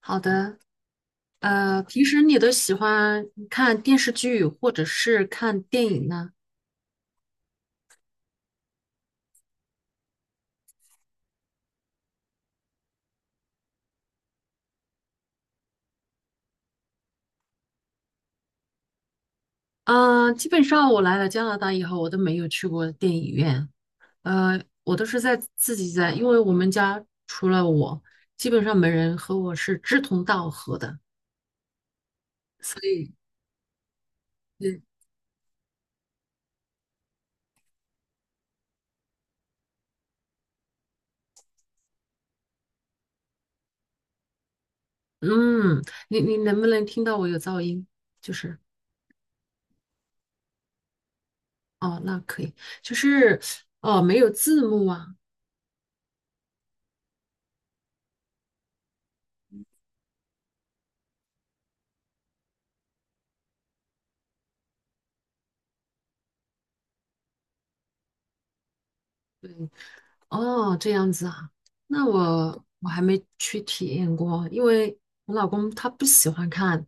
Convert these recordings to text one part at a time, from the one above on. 好的，平时你都喜欢看电视剧或者是看电影呢？啊、基本上我来了加拿大以后，我都没有去过电影院，我都是在自己在，因为我们家除了我，基本上没人和我是志同道合的，所以，对嗯，你能不能听到我有噪音？就是，哦，那可以，就是，哦，没有字幕啊，对，哦，这样子啊，那我还没去体验过，因为我老公他不喜欢看，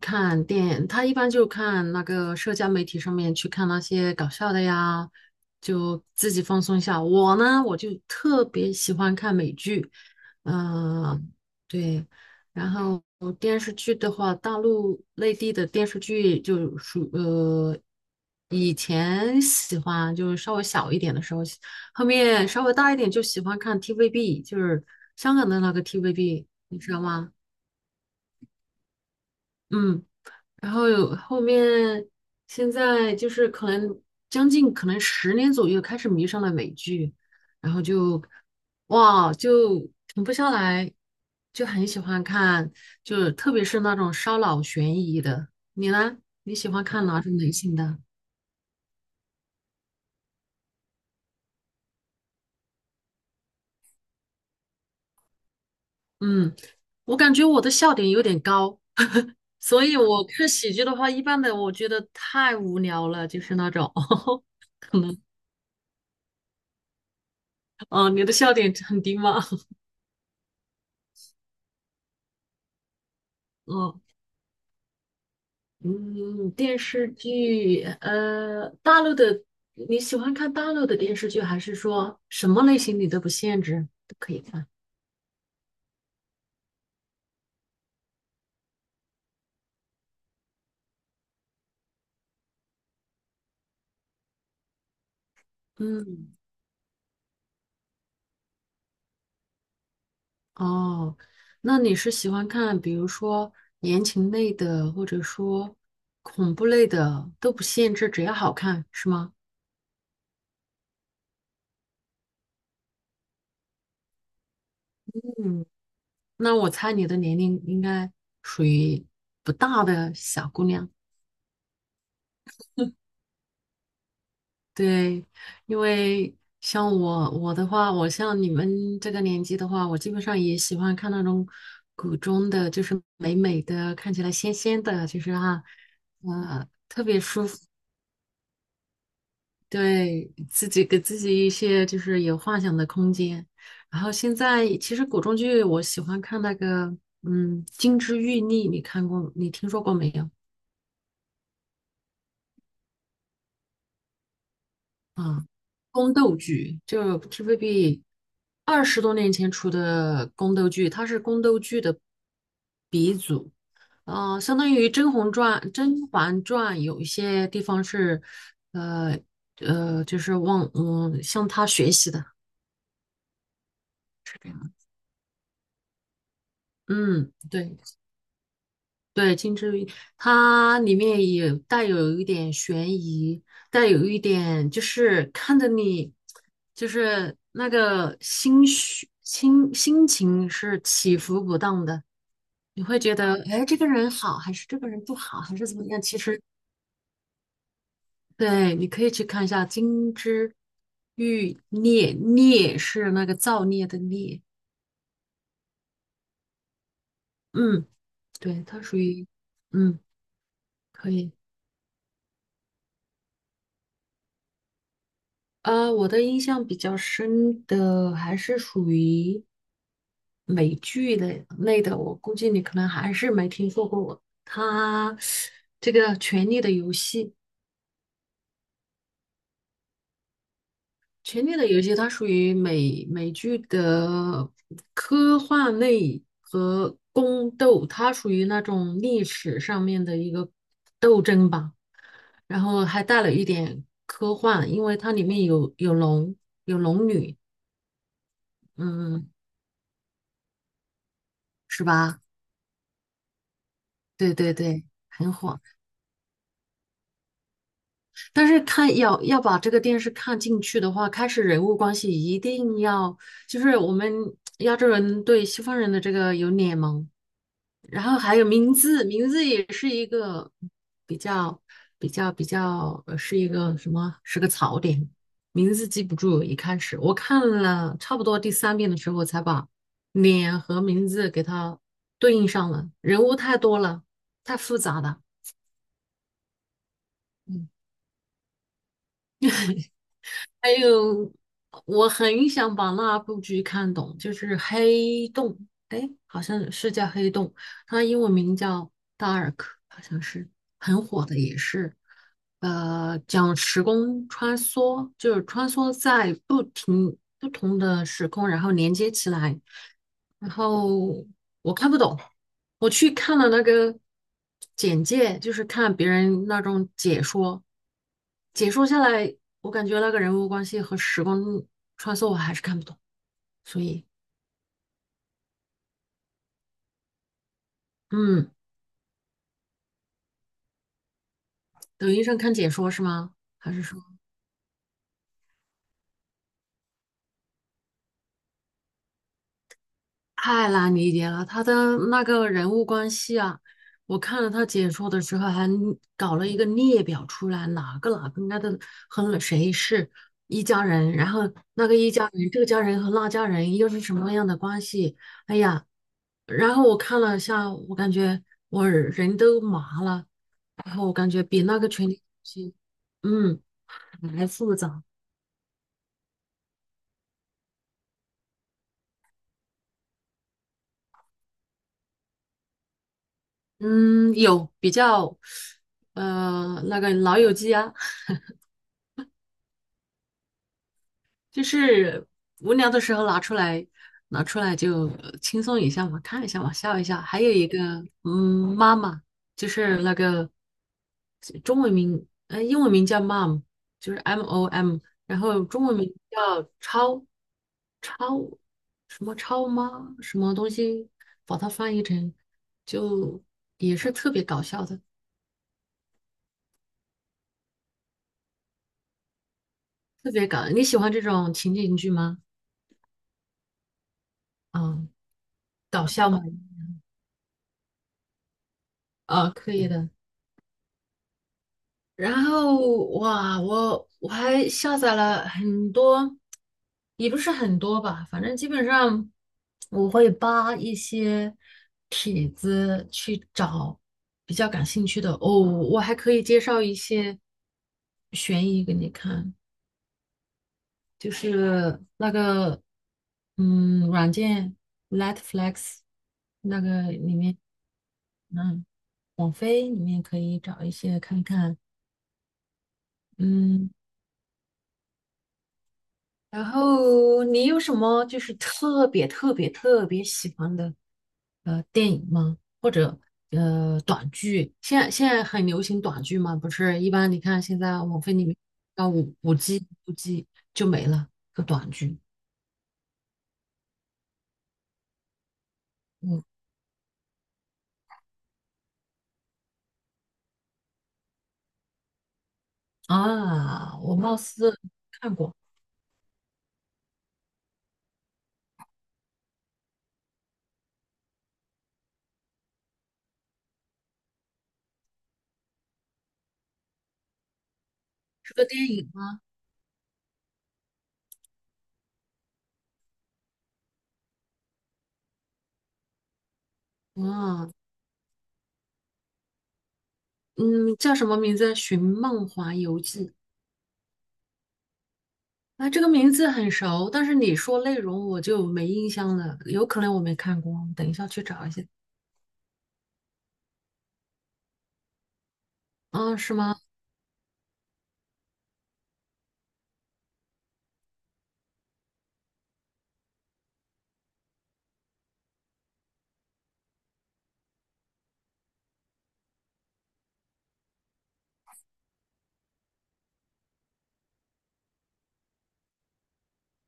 看电，他一般就看那个社交媒体上面去看那些搞笑的呀，就自己放松一下。我呢，我就特别喜欢看美剧，嗯、对。然后电视剧的话，大陆内地的电视剧就属以前喜欢就是稍微小一点的时候，后面稍微大一点就喜欢看 TVB，就是香港的那个 TVB，你知道吗？嗯。然后有后面现在就是将近可能10年左右开始迷上了美剧，然后就哇就停不下来，就很喜欢看，就特别是那种烧脑悬疑的。你呢？你喜欢看哪种类型的？嗯，我感觉我的笑点有点高，所以我看喜剧的话，一般的我觉得太无聊了，就是那种，可能，哦，你的笑点很低吗？嗯。嗯，电视剧，大陆的，你喜欢看大陆的电视剧，还是说什么类型你都不限制，都可以看？嗯，哦，那你是喜欢看，比如说言情类的，或者说恐怖类的，都不限制，只要好看，是吗？嗯，那我猜你的年龄应该属于不大的小姑娘。对，因为像我的话，我像你们这个年纪的话，我基本上也喜欢看那种古装的，就是美美的，看起来仙仙的，就是啊，呃，对自己给自己一些就是有幻想的空间。然后现在其实古装剧我喜欢看那个，嗯，《金枝欲孽》，你看过，你听说过没有？宫斗剧，就 TVB 20多年前出的宫斗剧，它是宫斗剧的鼻祖。相当于《甄嬛传》，《甄嬛传》有一些地方是，呃就是往向他学习的，是这样。嗯，对。对，金枝玉叶它里面也带有一点悬疑，带有一点就是看着你，就是那个心绪、心心情是起伏不当的，你会觉得，哎，这个人好，还是这个人不好，还是怎么样？其实，对，你可以去看一下《金枝玉孽》，孽是那个造孽的孽，嗯，对，它属于，嗯，可以。我的印象比较深的还是属于美剧的类的，我估计你可能还是没听说过它这个《权力的游戏》。《权力的游戏》它属于美剧的科幻类和宫斗，它属于那种历史上面的一个斗争吧，然后还带了一点科幻，因为它里面有龙，女，嗯，是吧？对对对，很火。但是看要把这个电视看进去的话，开始人物关系一定要，就是我们亚洲人对西方人的这个有脸盲，然后还有名字，名字也是一个比较比较，是一个什么？是个槽点，名字记不住。一开始我看了差不多第三遍的时候，才把脸和名字给它对应上了。人物太多了，太复杂了。嗯 还有，我很想把那部剧看懂，就是《黑洞》，哎，好像是叫《黑洞》，它英文名叫《Dark》，好像是很火的，也是，讲时空穿梭，就是穿梭在不同的时空，然后连接起来，然后我看不懂，我去看了那个简介，就是看别人那种解说，解说下来，我感觉那个人物关系和时光穿梭我还是看不懂，所以，嗯，抖音上看解说是吗？还是说？太难理解了，他的那个人物关系啊，我看了他解说的时候，还搞了一个列表出来，哪个该个和谁是一家人，然后那个一家人，这个家人和那家人又是什么样的关系？哎呀，然后我看了一下，我感觉我人都麻了，然后我感觉比那个权力游戏，嗯，还复杂，嗯，有比较，那个老友记啊。就是无聊的时候拿出来，拿出来就轻松一下嘛，看一下嘛，笑一下。还有一个，嗯，妈妈，就是那个中文名，英文名叫 mom，就是 M O M，然后中文名叫超什么超妈什么东西，把它翻译成就也是特别搞笑的，特别搞。你喜欢这种情景剧吗？嗯，搞笑吗？啊，可以的。然后哇，我还下载了很多，也不是很多吧，反正基本上我会扒一些帖子去找比较感兴趣的。哦，我还可以介绍一些悬疑给你看，就是那个嗯软件 n e t f l e x 那个里面，嗯，网飞里面可以找一些看看，嗯。然后你有什么就是特别特别特别喜欢的电影吗？或者短剧？现在很流行短剧嘛，不是？一般你看现在网飞里面啊五 G 就没了个短剧。嗯啊，我貌似看过，是个电影吗？啊，嗯，叫什么名字？《寻梦环游记》啊，这个名字很熟，但是你说内容我就没印象了，有可能我没看过，等一下去找一下。啊，是吗？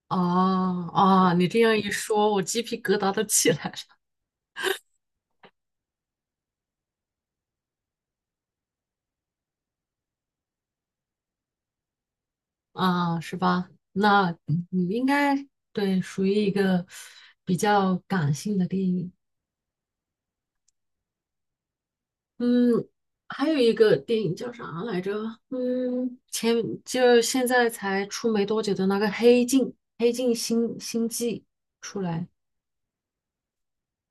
哦啊，你这样一说，我鸡皮疙瘩都起来了。啊，是吧？那嗯你应该对，属于一个比较感性的电影。嗯，还有一个电影叫啥来着？嗯，前就现在才出没多久的那个《黑镜》，《黑镜》新季出来，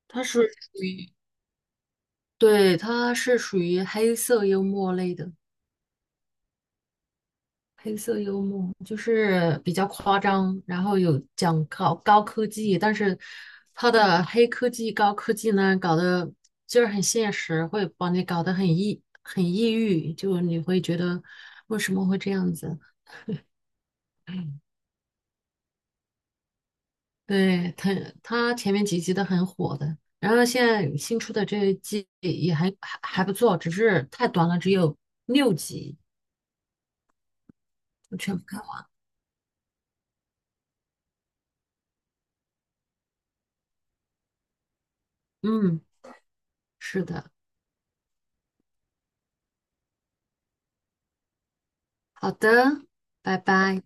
它是属于。对，它是属于黑色幽默类的，黑色幽默就是比较夸张，然后有讲高科技，但是它的黑科技、高科技呢，搞得就是很现实，会把你搞得很抑郁，就你会觉得为什么会这样子？对，它前面几集都很火的，然后现在新出的这一季也还不错，只是太短了，只有6集，我全部看完。嗯，是的。好的，拜拜。